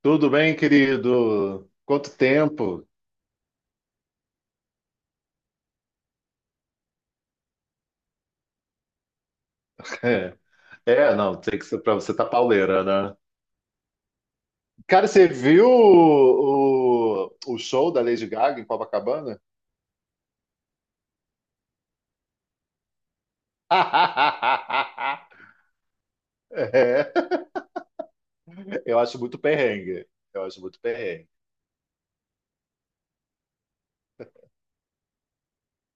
Tudo bem, querido? Quanto tempo? É, é, não, tem que ser pra você tá pauleira, né? Cara, você viu o show da Lady Gaga em Copacabana? É, eu acho muito perrengue. Eu acho muito perrengue.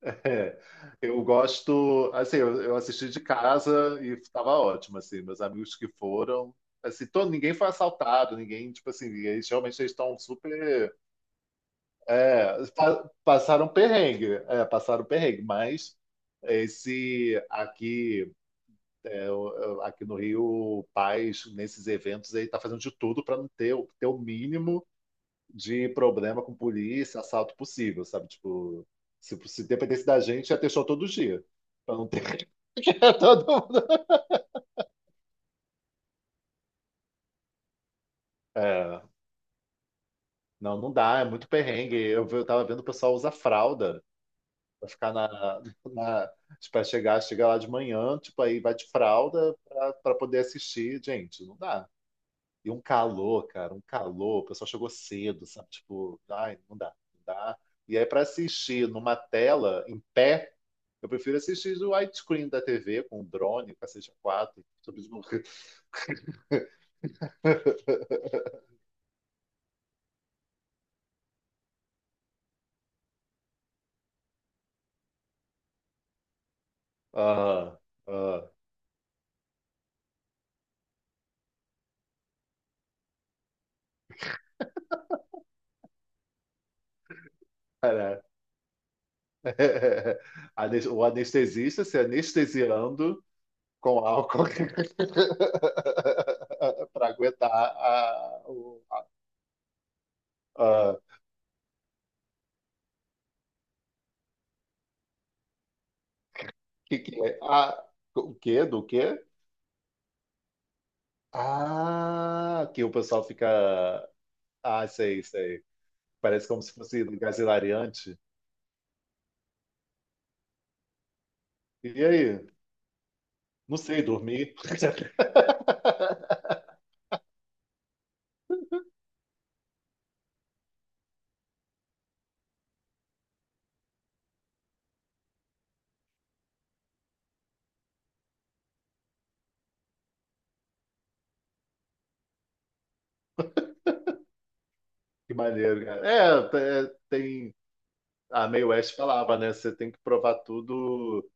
É, eu gosto, assim, eu assisti de casa e tava ótimo, assim, meus amigos que foram, assim, todo, ninguém foi assaltado, ninguém, tipo assim, eles realmente estão super. É, passaram perrengue, é, passaram perrengue, mas esse aqui, é, é, aqui no Rio, o Paz, nesses eventos aí, tá fazendo de tudo para não ter, ter o mínimo de problema com polícia, assalto possível, sabe? Tipo, se dependesse da gente, ia ter show todo dia, para não ter todo mundo. É, não, não dá, é muito perrengue. Eu tava vendo o pessoal usar fralda. Pra ficar na tipo, pra chegar, chega lá de manhã, tipo, aí vai de fralda pra poder assistir. Gente, não dá. E um calor, cara, um calor. O pessoal chegou cedo, sabe? Tipo, ai, não dá, não dá. E aí, pra assistir numa tela, em pé, eu prefiro assistir o widescreen da TV com o drone, com a CG4, sobre os morros. Ah, ah, cara. O anestesista se anestesiando com álcool. para aguentar a, que é? A, o quê? Do quê? Ah, que o pessoal fica. Ah, sei, sei. Parece como se fosse um gás hilariante. E aí? Não sei, dormir. Que maneiro, cara. É, é, tem. A Mae West falava, né? Você tem que provar tudo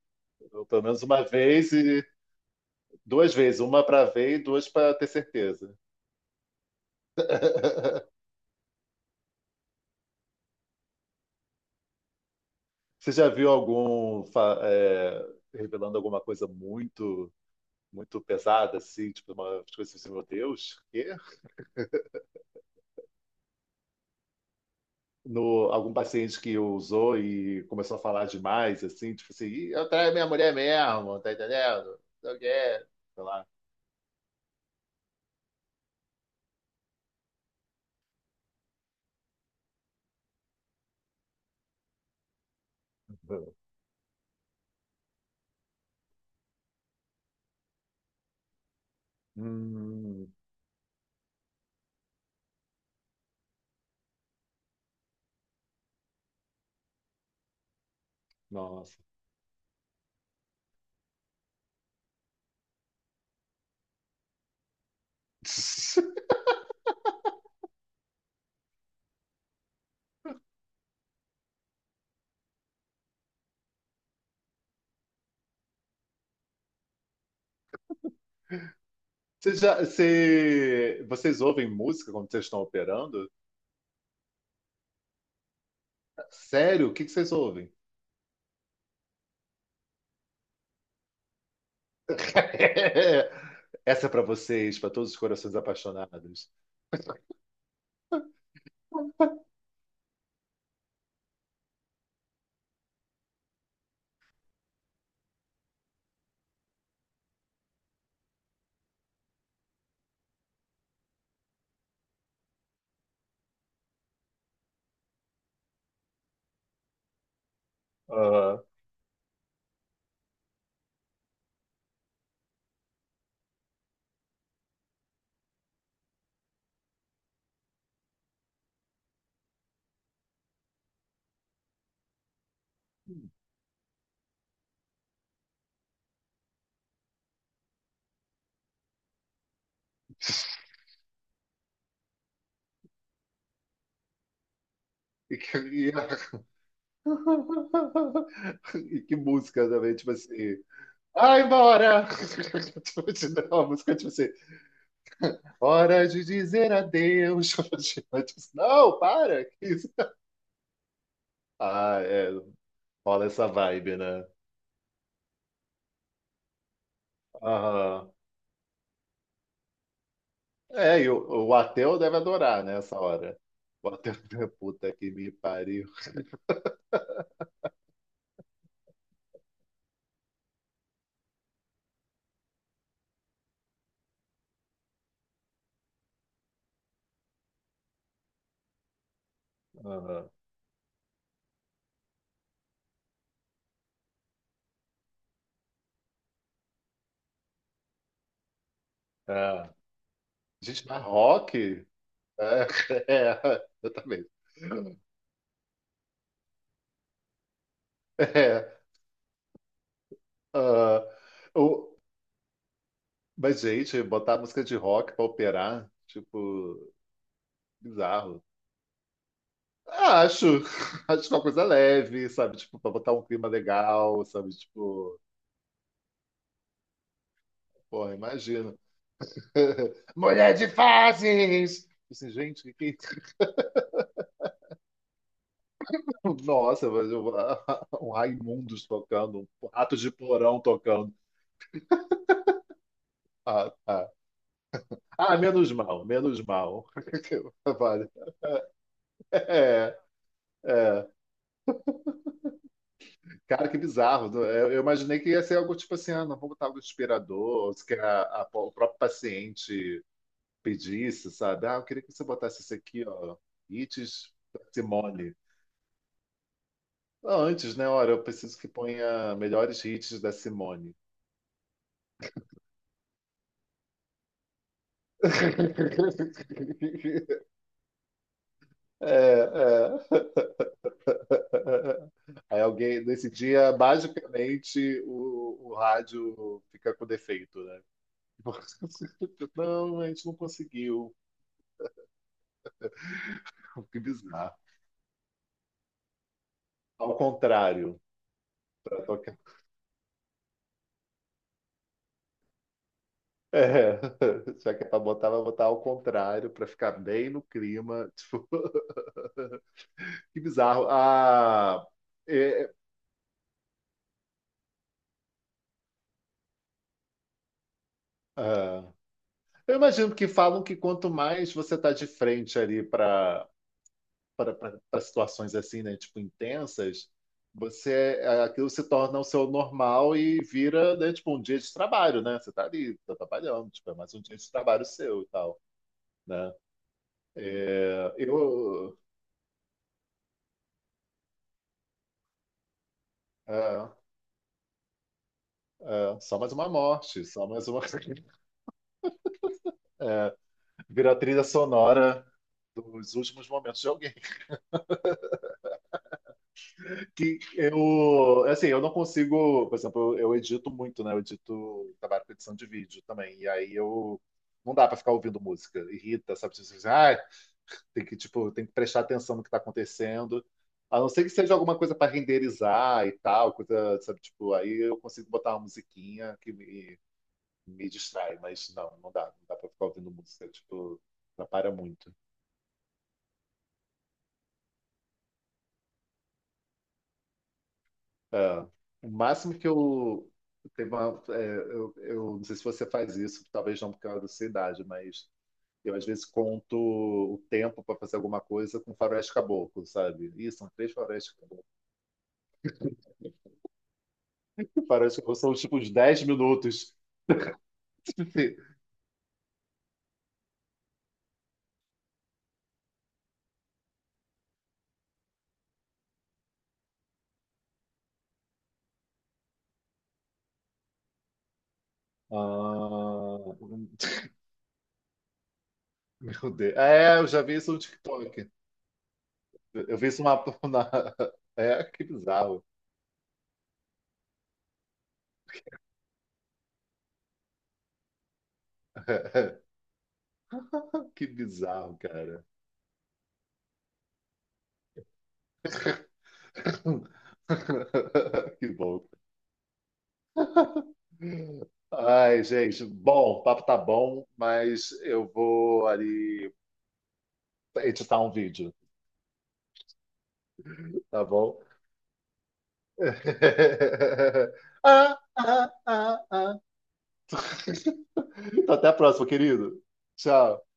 pelo menos uma vez e duas vezes, uma para ver e duas para ter certeza. Você já viu algum revelando alguma coisa muito muito pesada, assim, tipo, uma coisa assim, meu Deus, quê? No, algum paciente que usou e começou a falar demais, assim, tipo assim, "Ih, eu traio minha mulher mesmo, tá entendendo? Não quero, sei lá. Hum, nossa. Vocês ouvem música quando vocês estão operando? Sério? O que que vocês ouvem? Essa é pra vocês, pra todos os corações apaixonados. Aham. E que- e- E que música também, tipo assim. Vai embora! Tipo, te dá uma música, tipo assim, hora de dizer adeus. Tipo assim, Não, para! Que isso? Ah, é, rola essa vibe, né? Aham. É, e o ateu deve adorar, né, essa hora. O ateu, puta que me pariu. Aham. É. Gente, mas rock? É, é, exatamente. É, ah, o, Mas, gente, botar música de rock pra operar, tipo, bizarro. Ah, acho, acho é uma coisa leve, sabe? Tipo, pra botar um clima legal, sabe? Tipo, porra, imagino. Mulher de fases! Tipo assim, gente, é isso? Nossa, um Raimundos tocando, um Ratos de Porão tocando. Ah, tá. Ah, menos mal, menos mal. Vale. É. Cara, que bizarro. Eu imaginei que ia ser algo tipo assim, ah, não vamos botar algo inspirador, ou se que o próprio paciente pedisse, sabe? Ah, eu queria que você botasse isso aqui, ó, hits da Simone. Ah, antes, né? Hora eu preciso que ponha melhores hits da Simone. É, é. Aí alguém, nesse dia, basicamente, o rádio fica com defeito, né? Não, a gente não conseguiu. Que bizarro. Ao contrário, pra tocar. É, só que é pra botar, vai botar ao contrário, pra ficar bem no clima. Tipo, que bizarro. Ah, é, é, ah, eu imagino que falam que quanto mais você tá de frente ali para situações assim, né, tipo intensas, você aquilo se torna o seu normal e vira, né, tipo um dia de trabalho, né? Você tá ali, tá trabalhando, tipo, é mais um dia de trabalho seu e tal, né? É, eu, é. É, só mais uma morte, só mais uma. É, vira a trilha sonora dos últimos momentos de alguém. Que eu, assim, eu não consigo, por exemplo, eu edito muito, né? Eu edito, trabalho com edição de vídeo também. E aí eu não dá pra ficar ouvindo música, irrita, sabe? Você diz, ah, tem que, tipo, tem que prestar atenção no que tá acontecendo. A não ser que seja alguma coisa para renderizar e tal, coisa, sabe, tipo, aí eu consigo botar uma musiquinha que me distrai, mas não, não dá. Não dá pra ficar ouvindo música, tipo, atrapalha muito. Ah, o máximo que eu. Teve uma, eu não sei se você faz isso, talvez não por causa da sua idade, mas eu às vezes conto o tempo para fazer alguma coisa com faroeste caboclo, sabe? Ih, são três faroeste caboclo. Faroeste caboclo são tipo uns 10 minutos. Ah, meu Deus. É, eu já vi isso no TikTok. Eu vi isso na... É, que bizarro. Que bizarro, cara. Que bom. Ai, gente, bom, o papo tá bom, mas eu vou ali editar um vídeo, tá bom? Ah. Então, até a próxima, querido. Tchau.